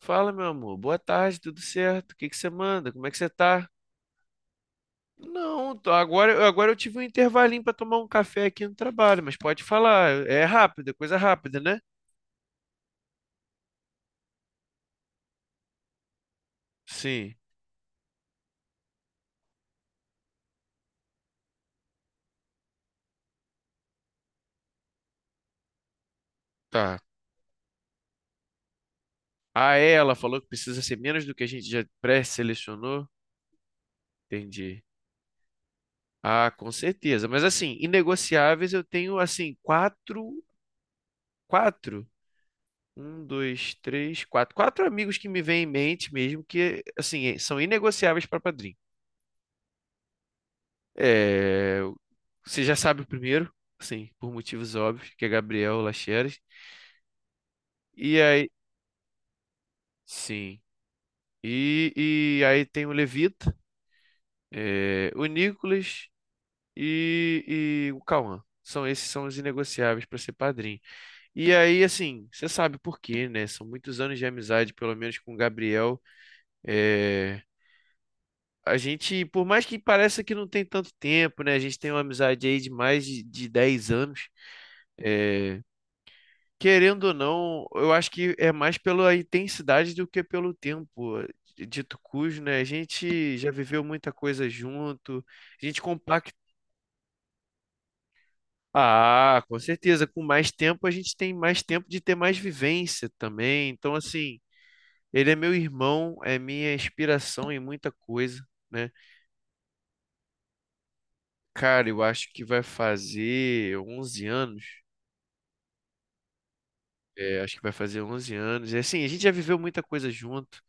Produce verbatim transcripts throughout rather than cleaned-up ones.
Fala, meu amor. Boa tarde, tudo certo? O que que você manda? Como é que você tá? Não, tô- agora, agora eu tive um intervalinho para tomar um café aqui no trabalho, mas pode falar. É rápido, é coisa rápida, né? Sim, tá. Ah, é, ela falou que precisa ser menos do que a gente já pré-selecionou. Entendi. Ah, com certeza. Mas assim, inegociáveis eu tenho assim, quatro, quatro. Um, dois, três, quatro. Quatro amigos que me vêm em mente mesmo, que assim, são inegociáveis para padrinho. É, você já sabe o primeiro, assim, por motivos óbvios, que é Gabriel Lacheres. E aí, sim. E, e aí tem o Levita, é, o Nicolas e, e o Cauã. São esses são os inegociáveis para ser padrinho. E aí, assim, você sabe por quê, né? São muitos anos de amizade, pelo menos com o Gabriel. É, a gente, por mais que pareça que não tem tanto tempo, né? A gente tem uma amizade aí de mais de, de dez anos. É, querendo ou não, eu acho que é mais pela intensidade do que pelo tempo. Dito cujo, né? A gente já viveu muita coisa junto, a gente compacta. Ah, com certeza. Com mais tempo, a gente tem mais tempo de ter mais vivência também. Então, assim, ele é meu irmão, é minha inspiração em muita coisa, né? Cara, eu acho que vai fazer onze anos. É, acho que vai fazer onze anos. E assim, a gente já viveu muita coisa junto.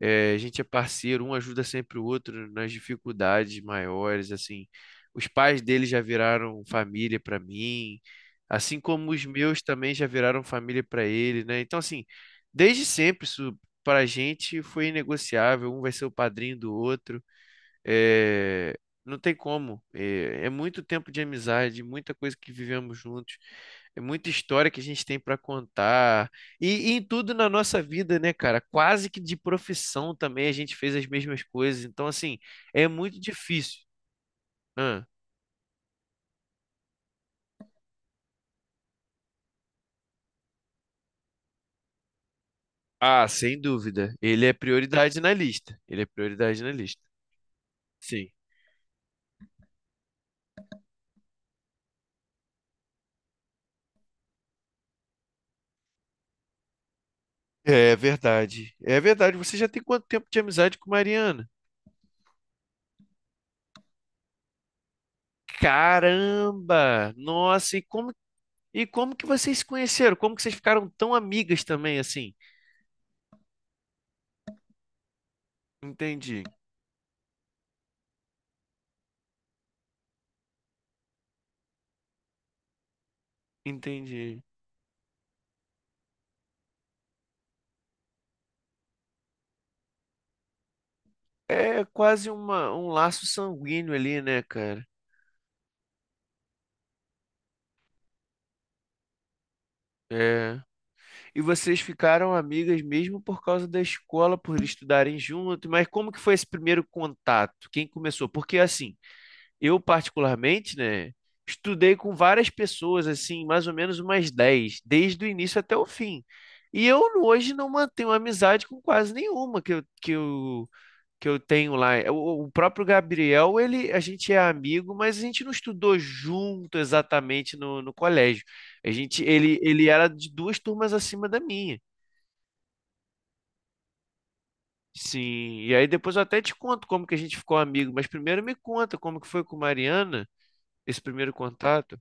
É, a gente é parceiro, um ajuda sempre o outro nas dificuldades maiores, assim. Os pais dele já viraram família para mim, assim como os meus também já viraram família para ele, né? Então, assim, desde sempre isso para a gente foi inegociável, um vai ser o padrinho do outro. É, não tem como. É, é muito tempo de amizade, muita coisa que vivemos juntos, é muita história que a gente tem para contar. E, e em tudo na nossa vida, né, cara? Quase que de profissão também a gente fez as mesmas coisas. Então, assim, é muito difícil. Ah, ah, sem dúvida. Ele é prioridade na lista. Ele é prioridade na lista. Sim. É verdade. É verdade. Você já tem quanto tempo de amizade com Mariana? Caramba! Nossa, e como e como que vocês se conheceram? Como que vocês ficaram tão amigas também assim? Entendi, entendi. É quase uma, um laço sanguíneo ali, né, cara? É. E vocês ficaram amigas mesmo por causa da escola, por eles estudarem junto, mas como que foi esse primeiro contato? Quem começou? Porque assim, eu particularmente, né, estudei com várias pessoas, assim, mais ou menos umas dez, desde o início até o fim. E eu hoje não mantenho amizade com quase nenhuma que eu, que eu que eu tenho lá. É O, o próprio Gabriel, ele, a gente é amigo, mas a gente não estudou junto exatamente no, no colégio. A gente, ele, ele era de duas turmas acima da minha. Sim, e aí depois eu até te conto como que a gente ficou amigo, mas primeiro me conta como que foi com Mariana, esse primeiro contato.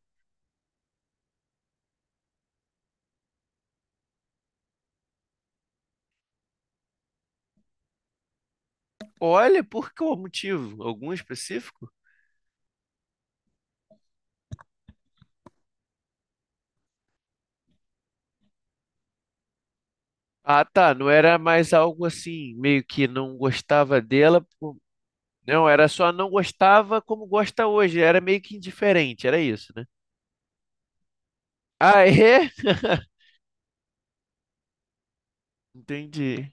Olha, por qual motivo? Algum específico? Ah, tá, não era mais algo assim, meio que não gostava dela, por- não, era só não gostava como gosta hoje, era meio que indiferente, era isso, né? Ah, é? Entendi.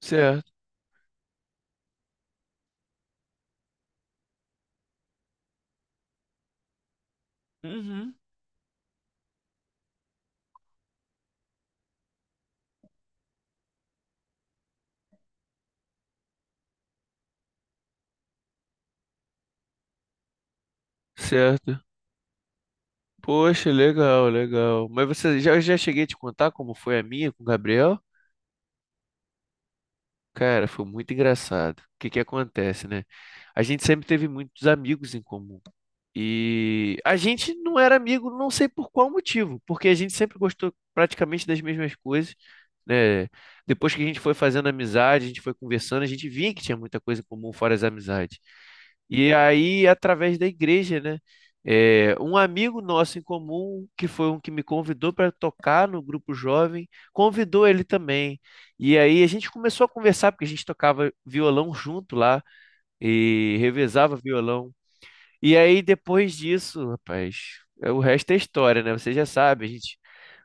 Certo. Uhum. Certo. Poxa, legal, legal. Mas você já, eu já cheguei a te contar como foi a minha com o Gabriel? Cara, foi muito engraçado. O que que acontece, né? A gente sempre teve muitos amigos em comum. E a gente não era amigo, não sei por qual motivo, porque a gente sempre gostou praticamente das mesmas coisas, né? Depois que a gente foi fazendo amizade, a gente foi conversando, a gente via que tinha muita coisa em comum fora as amizades. E aí, através da igreja, né? É, um amigo nosso em comum, que foi um que me convidou para tocar no grupo jovem, convidou ele também. E aí a gente começou a conversar, porque a gente tocava violão junto lá e revezava violão. E aí, depois disso, rapaz, é, o resto é história, né? Você já sabe, a gente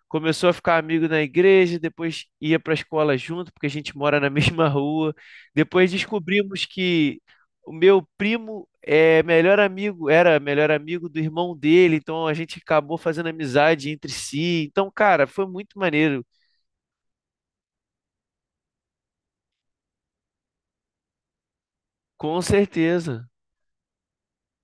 começou a ficar amigo na igreja, depois ia para a escola junto, porque a gente mora na mesma rua. Depois descobrimos que o meu primo é melhor amigo, era melhor amigo do irmão dele, então a gente acabou fazendo amizade entre si. Então, cara, foi muito maneiro, com certeza.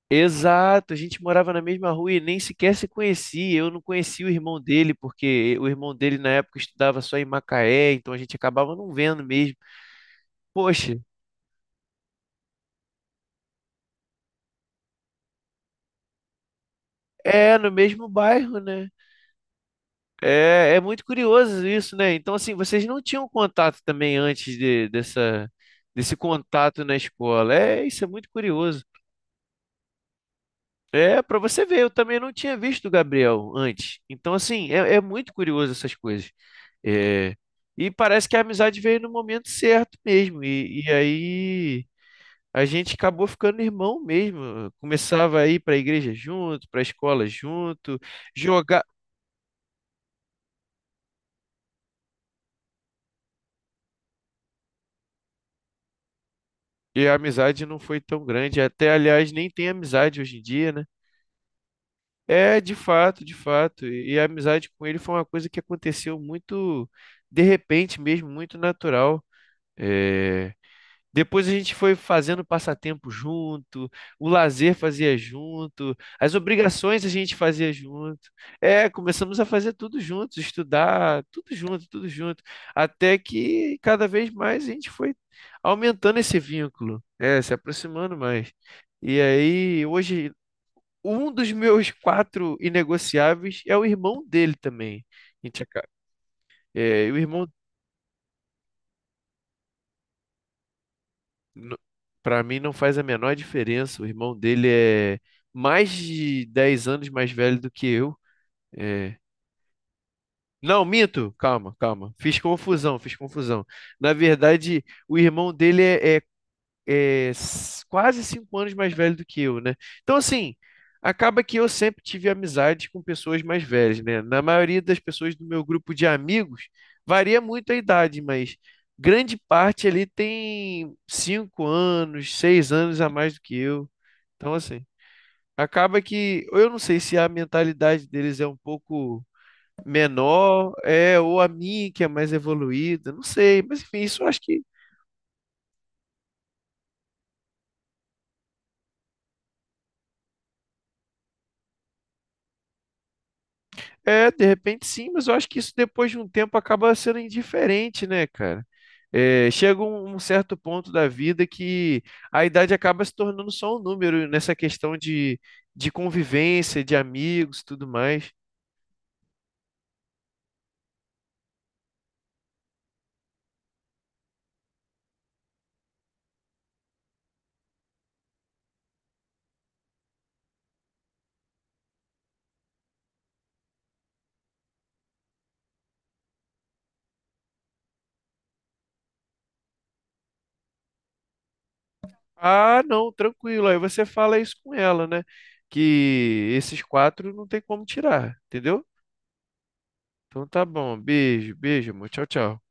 Exato, a gente morava na mesma rua e nem sequer se conhecia. Eu não conhecia o irmão dele, porque o irmão dele na época estudava só em Macaé, então a gente acabava não vendo mesmo. Poxa, é no mesmo bairro, né? É, é muito curioso isso, né? Então, assim, vocês não tinham contato também antes de- dessa, desse contato na escola. É, isso é muito curioso. É, para você ver, eu também não tinha visto o Gabriel antes. Então, assim, é, é muito curioso essas coisas. É, e parece que a amizade veio no momento certo mesmo. E, e aí a gente acabou ficando irmão mesmo. Começava a ir para a igreja junto, para a escola junto, jogar. E a amizade não foi tão grande. Até, aliás, nem tem amizade hoje em dia, né? É, de fato, de fato. E e a amizade com ele foi uma coisa que aconteceu muito de repente mesmo, muito natural. É, depois a gente foi fazendo passatempo junto, o lazer fazia junto, as obrigações a gente fazia junto. É, começamos a fazer tudo juntos, estudar, tudo junto, tudo junto, até que cada vez mais a gente foi aumentando esse vínculo, é, se aproximando mais. E aí, hoje, um dos meus quatro inegociáveis é o irmão dele também. A gente acaba- é, o irmão n- pra mim não faz a menor diferença. O irmão dele é mais de dez anos mais velho do que eu. É, não, minto. Calma, calma. Fiz confusão, fiz confusão. Na verdade, o irmão dele é é é, s- quase cinco anos mais velho do que eu, né? Então, assim, acaba que eu sempre tive amizade com pessoas mais velhas, né? Na maioria das pessoas do meu grupo de amigos, varia muito a idade, mas grande parte ali tem cinco anos, seis anos a mais do que eu. Então, assim, acaba que eu não sei se a mentalidade deles é um pouco menor, é, ou a minha que é mais evoluída, não sei, mas enfim, isso eu acho que É, de repente sim, mas eu acho que isso depois de um tempo acaba sendo indiferente, né, cara? É, chega um, um certo ponto da vida que a idade acaba se tornando só um número nessa questão de, de convivência, de amigos e tudo mais. Ah, não, tranquilo. Aí você fala isso com ela, né? Que esses quatro não tem como tirar, entendeu? Então tá bom. Beijo, beijo, amor. Tchau, tchau.